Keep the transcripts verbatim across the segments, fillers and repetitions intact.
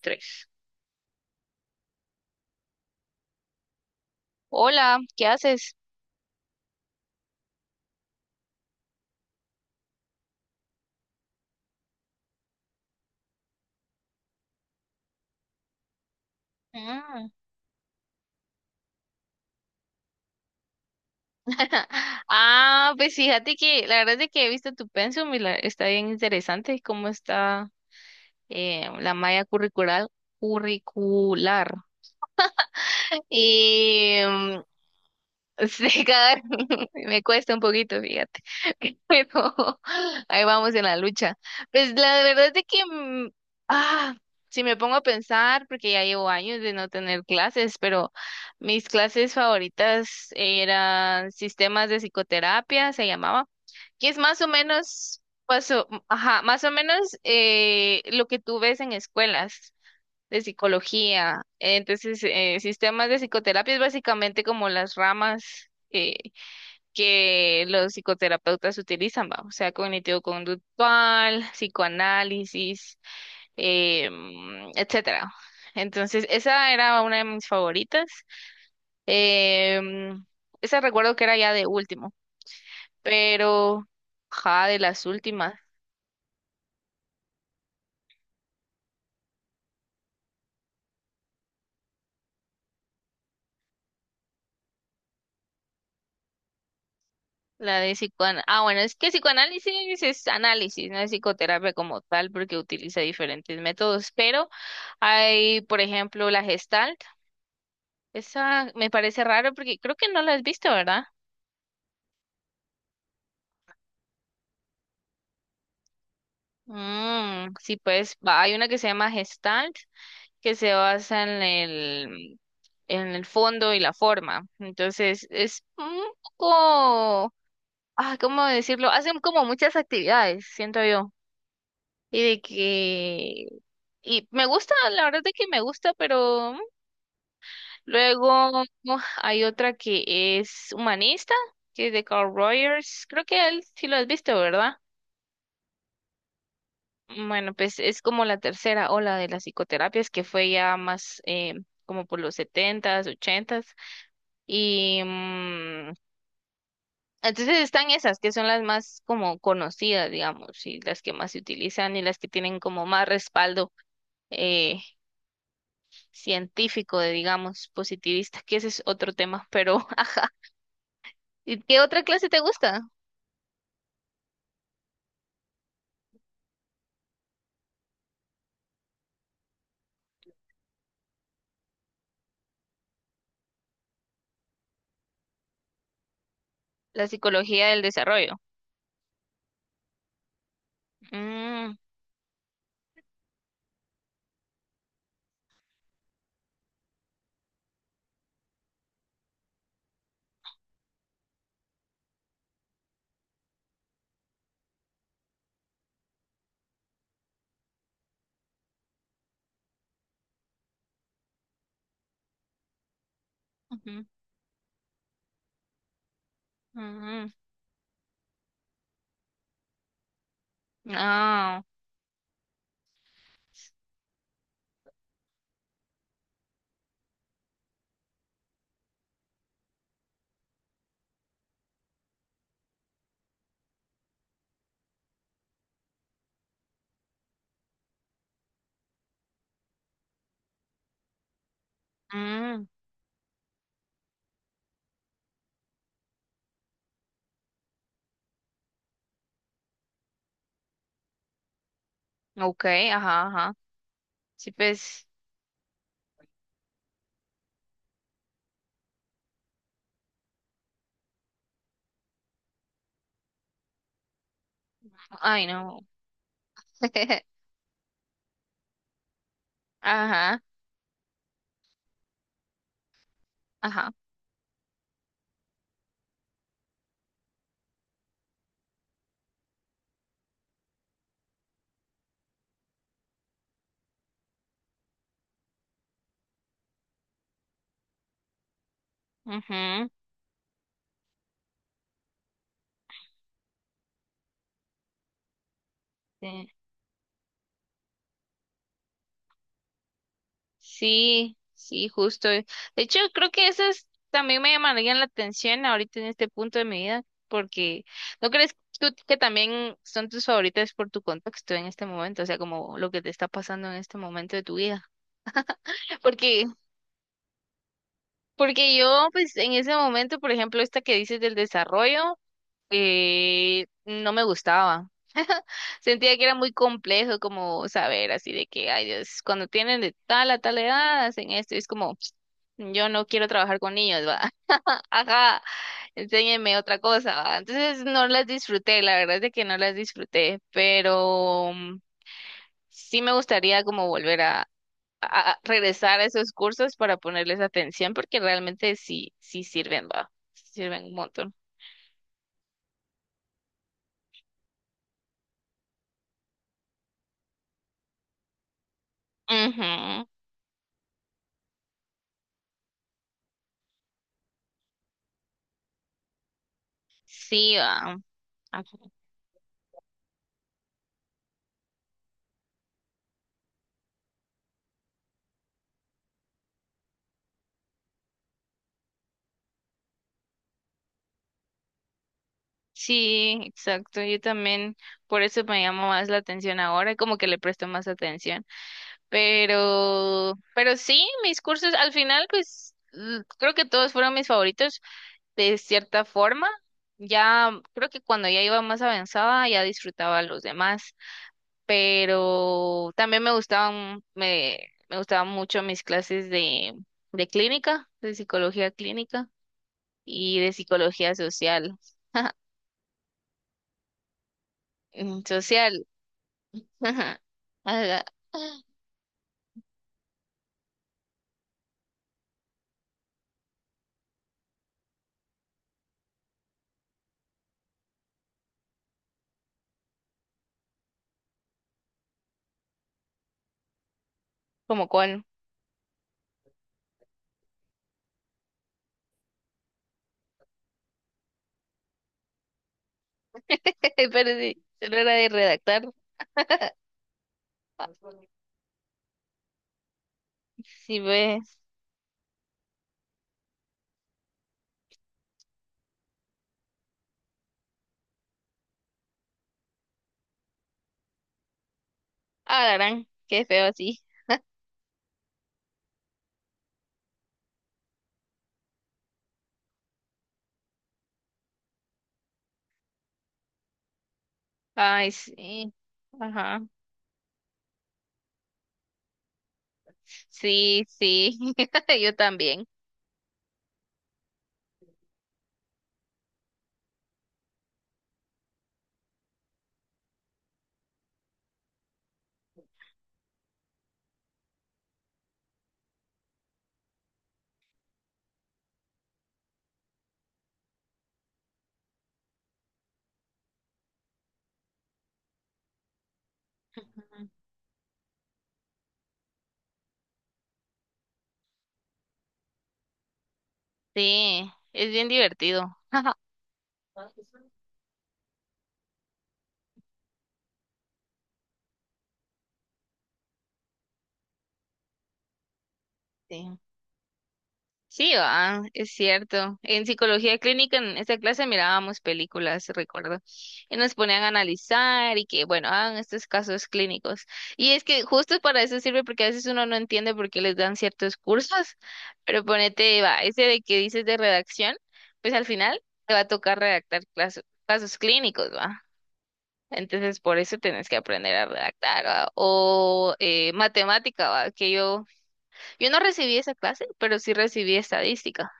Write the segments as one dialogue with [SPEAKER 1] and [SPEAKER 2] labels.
[SPEAKER 1] Tres. Hola, ¿qué haces? Ah, Ah, pues fíjate que la verdad es de que he visto tu pensum y la- está bien interesante cómo está eh, la malla curricular, curricular. Y mm, Sí, cagar, me cuesta un poquito, fíjate. Pero ahí vamos en la lucha. Pues la verdad es de que, mm, ah, si me pongo a pensar, porque ya llevo años de no tener clases, pero mis clases favoritas eran sistemas de psicoterapia, se llamaba, que es más o menos, pues, o- ajá, más o menos eh, lo que tú ves en escuelas de psicología. eh, Entonces, eh, sistemas de psicoterapia es básicamente como las ramas eh, que los psicoterapeutas utilizan, ¿va? O sea, cognitivo-conductual, psicoanálisis, eh, mm, etcétera. Entonces, esa era una de mis favoritas. Eh, mm, esa recuerdo que era ya de último, pero, ja, de las últimas. La de psicoanálisis. Ah, bueno, es que psicoanálisis es análisis, no es psicoterapia como tal, porque utiliza diferentes métodos. Pero hay, por ejemplo, la Gestalt. Esa me parece raro porque creo que no la has visto, ¿verdad? Mm, sí, pues va- hay una que se llama Gestalt, que se basa en el, en el fondo y la forma. Entonces, es un poco, ah, ¿cómo decirlo? Hacen como muchas actividades, siento yo. Y de que y me gusta, la verdad es que me gusta, pero mm, luego uf, hay otra que es humanista, que es de Carl Rogers. Creo que él sí lo has visto, ¿verdad? Bueno, pues es como la tercera ola de las psicoterapias que fue ya más eh, como por los setentas, ochentas. Y mm, entonces están esas que son las más como conocidas, digamos, y las que más se utilizan y las que tienen como más respaldo eh, científico, de, digamos, positivista, que ese es otro tema, pero ah, ¿y qué otra clase te gusta? La psicología del desarrollo. Mm, ujú, ujú. Ah, mm, ok, ajá, ajá. Sí, pues, ay, no. Ajá, ajá. Ujú, sí. Sí, sí, justo. De hecho, creo que esas también me llamarían la atención ahorita en este punto de mi vida, porque ¿no crees tú que también son tus favoritas por tu contexto en este momento? O sea, como lo que te está pasando en este momento de tu vida. Porque, porque yo, pues, en ese momento, por ejemplo, esta que dices del desarrollo, eh, no me gustaba. Sentía que era muy complejo como saber así de que, ay Dios, cuando tienen de tal a tal edad hacen esto, y es como, "Ps, yo no quiero trabajar con niños, va, ajá, enséñenme otra cosa, va. Entonces no las disfruté, la verdad es de que no las disfruté, pero mm, sí me gustaría como volver a, a- a regresar a esos cursos para ponerles atención porque realmente sí, sí sirven, va, sí sirven un montón. Ujú. Sí, va. Sí, exacto. Yo también, por eso me llama más la atención ahora, como que le presto más atención. Pero, pero sí, mis cursos al final, pues l- creo que todos fueron mis favoritos de cierta forma. Ya, creo que cuando ya iba más avanzada, ya disfrutaba los demás. Pero también me gustaban, me, me gustaban mucho mis clases de, de clínica, de psicología clínica y de psicología social. Mm, social. Ajá. Ala, ¿como cuál? Perdí. Solo era de redactar. ¿Si ves? Ah, la gran. Qué feo así. Ay, sí. Ajá. Sí, sí. Yo también. Ujú. Sí. Es bien divertido. Sí. Sí, ah, es cierto. En psicología clínica, en esta clase mirábamos películas, recuerdo, y nos ponían a analizar y que, bueno, hagan estos casos clínicos. Y es que justo para eso sirve porque a veces uno no entiende por qué les dan ciertos cursos, pero ponete, va, ese de que dices de redacción, pues al final te va a tocar redactar claso- casos clínicos, va. Entonces, por eso tenés que aprender a redactar, ¿va? O eh, matemática, ¿va? Que yo, yo no recibí esa clase, pero sí recibí estadística.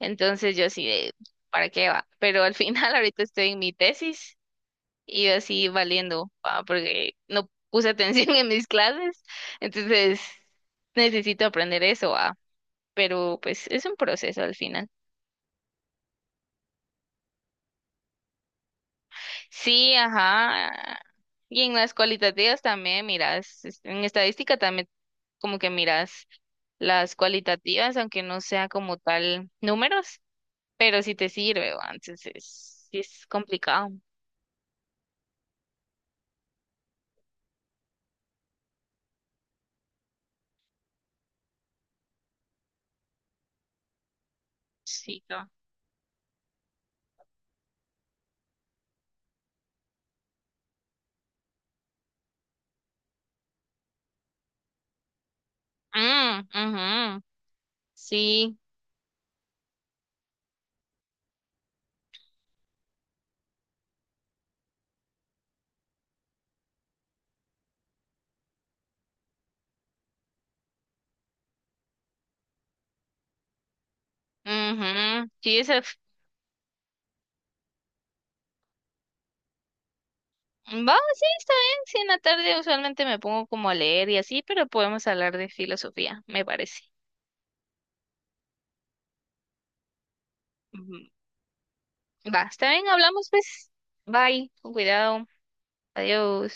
[SPEAKER 1] Entonces yo así de, ¿para qué va? Pero al final ahorita estoy en mi tesis y yo así valiendo, pa, porque no puse atención en mis clases, entonces necesito aprender eso, va. Pero pues es un proceso al final. Sí, ajá. Y en las cualitativas también miras, es- en estadística también como que miras las cualitativas, aunque no sea como tal números, pero sí te sirve, va. Entonces sí es complicado. Sí, mm, ujú, sí, ujú, sí, esa. f- mm, Va, sí, está bien. Sí, en la tarde usualmente me pongo como a leer y así, pero podemos hablar de filosofía, me parece. Ujú. Va, está bien, hablamos pues. Bye, con cuidado. Adiós.